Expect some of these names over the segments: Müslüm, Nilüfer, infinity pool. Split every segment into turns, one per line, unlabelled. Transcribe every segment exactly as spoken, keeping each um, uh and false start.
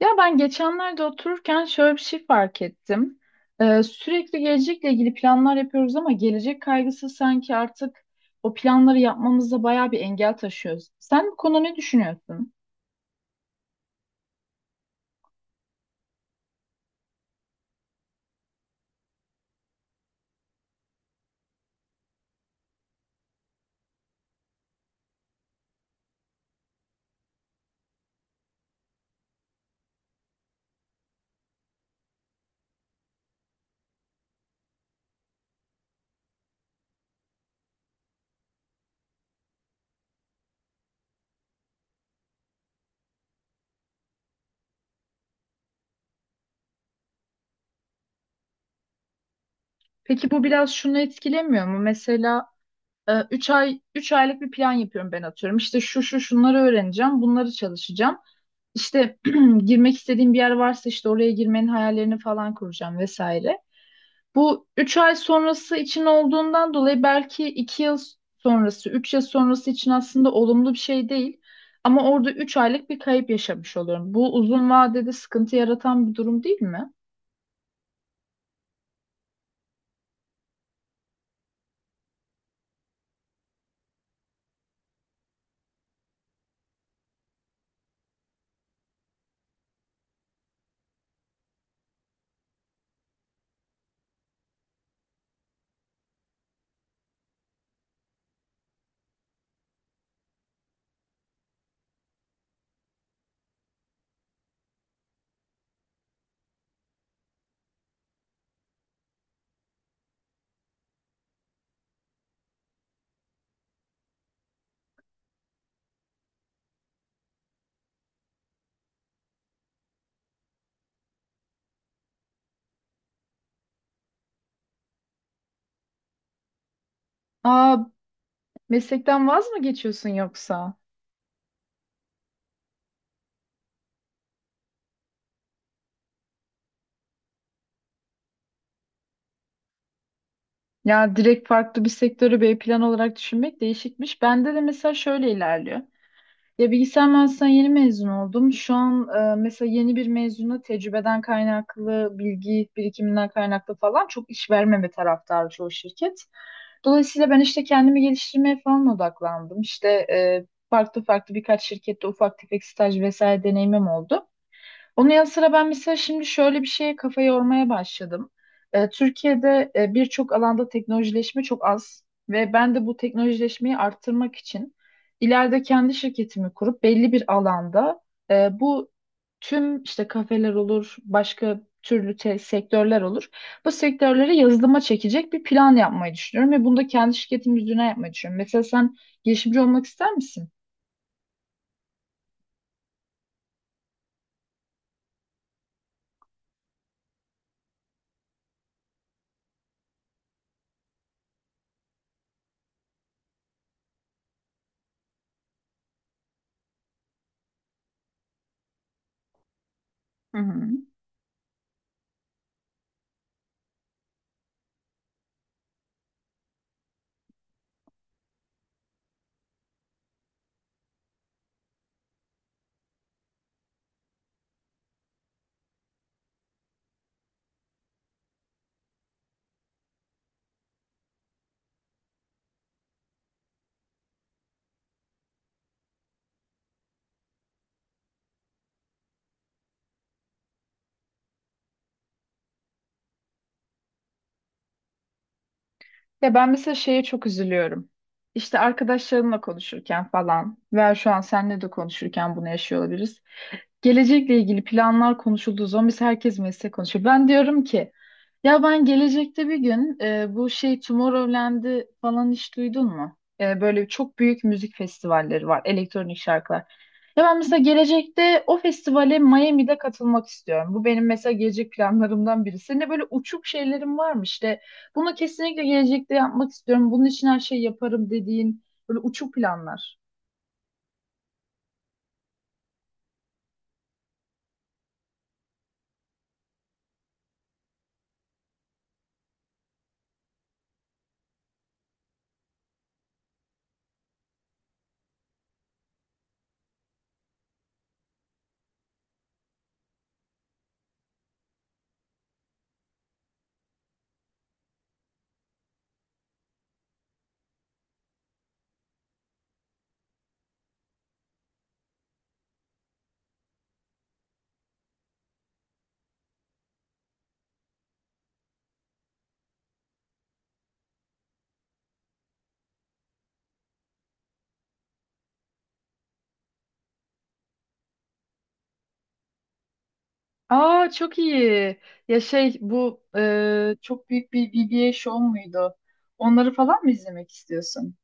Ya ben geçenlerde otururken şöyle bir şey fark ettim. Ee, sürekli gelecekle ilgili planlar yapıyoruz ama gelecek kaygısı sanki artık o planları yapmamızda bayağı bir engel taşıyoruz. Sen bu konuda ne düşünüyorsun? Peki bu biraz şunu etkilemiyor mu? Mesela 3 ay üç aylık bir plan yapıyorum ben atıyorum. İşte şu şu şunları öğreneceğim, bunları çalışacağım. İşte girmek istediğim bir yer varsa işte oraya girmenin hayallerini falan kuracağım vesaire. Bu üç ay sonrası için olduğundan dolayı belki iki yıl sonrası, üç yıl sonrası için aslında olumlu bir şey değil. Ama orada üç aylık bir kayıp yaşamış oluyorum. Bu uzun vadede sıkıntı yaratan bir durum değil mi? Aa, meslekten vaz mı geçiyorsun yoksa? Ya direkt farklı bir sektörü B plan olarak düşünmek değişikmiş. Bende de mesela şöyle ilerliyor. Ya bilgisayar mühendisliğinden yeni mezun oldum. Şu an e, mesela yeni bir mezuna tecrübeden kaynaklı, bilgi birikiminden kaynaklı falan çok iş vermeme taraftarı çoğu şirket. Dolayısıyla ben işte kendimi geliştirmeye falan odaklandım. İşte e, farklı farklı birkaç şirkette ufak tefek staj vesaire deneyimim oldu. Onun yanı sıra ben mesela şimdi şöyle bir şeye kafa yormaya başladım. Ee, Türkiye'de e, birçok alanda teknolojileşme çok az ve ben de bu teknolojileşmeyi arttırmak için ileride kendi şirketimi kurup belli bir alanda e, bu tüm işte kafeler olur, başka türlü te- sektörler olur. Bu sektörlere yazılıma çekecek bir plan yapmayı düşünüyorum ve bunu da kendi şirketim üzerine yapmayı düşünüyorum. Mesela sen girişimci olmak ister misin? Hı hı. Ya ben mesela şeye çok üzülüyorum. İşte arkadaşlarımla konuşurken falan veya şu an seninle de konuşurken bunu yaşıyor olabiliriz. Gelecekle ilgili planlar konuşulduğu zaman biz herkes meslek konuşuyor. Ben diyorum ki ya ben gelecekte bir gün e, bu şey Tomorrowland'i falan hiç duydun mu? E, böyle çok büyük müzik festivalleri var, elektronik şarkılar. Ya ben mesela gelecekte o festivale Miami'de katılmak istiyorum. Bu benim mesela gelecek planlarımdan biri. Senin de böyle uçuk şeylerim var mı işte? Bunu kesinlikle gelecekte yapmak istiyorum. Bunun için her şeyi yaparım dediğin böyle uçuk planlar. Aa, çok iyi. Ya şey bu e, çok büyük bir B B A show muydu? Onları falan mı izlemek istiyorsun?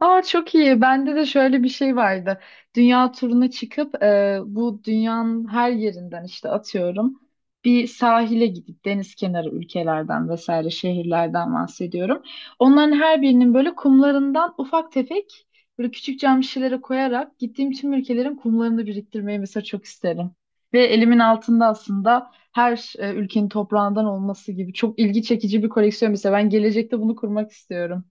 Aa, çok iyi. Bende de şöyle bir şey vardı. Dünya turuna çıkıp e, bu dünyanın her yerinden işte atıyorum bir sahile gidip deniz kenarı ülkelerden vesaire şehirlerden bahsediyorum. Onların her birinin böyle kumlarından ufak tefek böyle küçük cam şişelere koyarak gittiğim tüm ülkelerin kumlarını biriktirmeyi mesela çok isterim. Ve elimin altında aslında her e, ülkenin toprağından olması gibi çok ilgi çekici bir koleksiyon mesela ben gelecekte bunu kurmak istiyorum.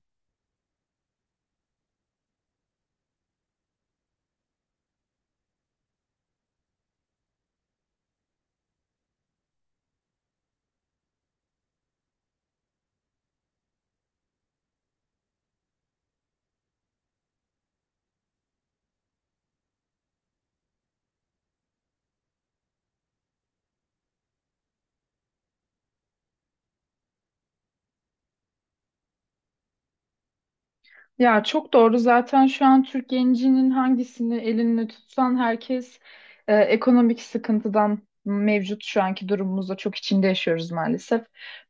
Ya çok doğru. Zaten şu an Türk gencinin hangisini elinle tutsan herkes e, ekonomik sıkıntıdan mevcut şu anki durumumuzda çok içinde yaşıyoruz maalesef.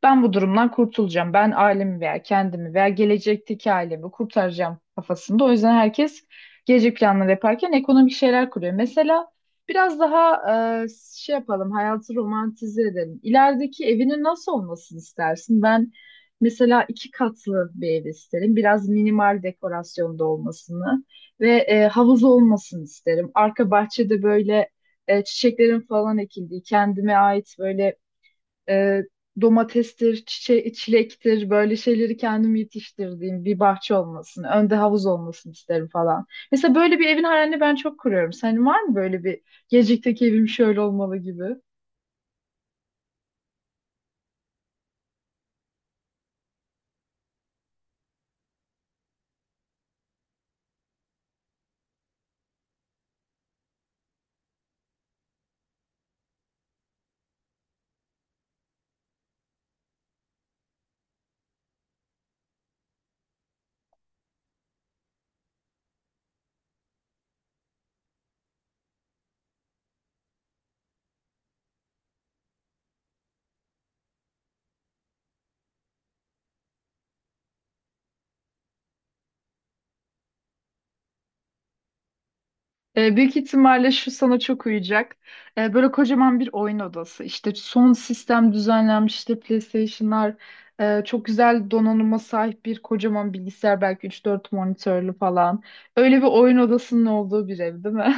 Ben bu durumdan kurtulacağım. Ben ailemi veya kendimi veya gelecekteki ailemi kurtaracağım kafasında. O yüzden herkes gelecek planları yaparken ekonomik şeyler kuruyor. Mesela biraz daha e, şey yapalım, hayatı romantize edelim. İlerideki evinin nasıl olmasını istersin? Ben mesela iki katlı bir ev isterim. Biraz minimal dekorasyonda olmasını ve e, havuz olmasını isterim. Arka bahçede böyle e, çiçeklerin falan ekildiği, kendime ait böyle e, domatestir, çiçe çilektir, böyle şeyleri kendim yetiştirdiğim bir bahçe olmasını, önde havuz olmasını isterim falan. Mesela böyle bir evin hayalini ben çok kuruyorum. Senin var mı böyle bir gelecekteki evim şöyle olmalı gibi? E, büyük ihtimalle şu sana çok uyacak. E, böyle kocaman bir oyun odası. İşte son sistem düzenlenmiş işte PlayStation'lar, e, çok güzel donanıma sahip bir kocaman bilgisayar belki üç dört monitörlü falan. Öyle bir oyun odasının olduğu bir ev değil mi?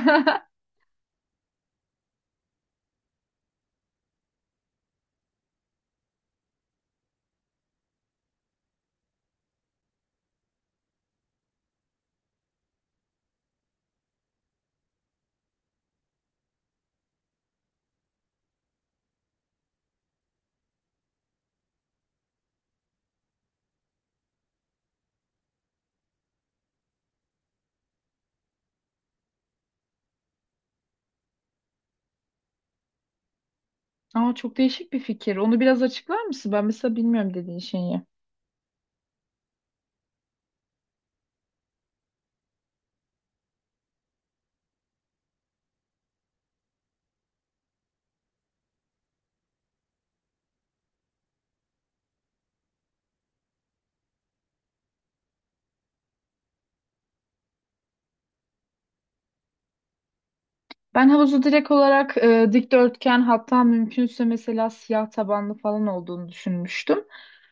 Aa, çok değişik bir fikir. Onu biraz açıklar mısın? Ben mesela bilmiyorum dediğin şeyi. Ben havuzu direkt olarak e, dikdörtgen hatta mümkünse mesela siyah tabanlı falan olduğunu düşünmüştüm.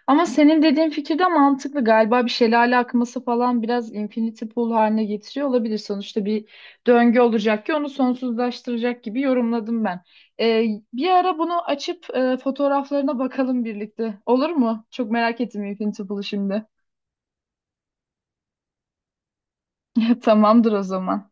Ama senin dediğin fikir de mantıklı. Galiba bir şelale akması falan biraz infinity pool haline getiriyor olabilir. Sonuçta bir döngü olacak ki onu sonsuzlaştıracak gibi yorumladım ben. E, bir ara bunu açıp e, fotoğraflarına bakalım birlikte. Olur mu? Çok merak ettim infinity pool'u şimdi. Tamamdır o zaman.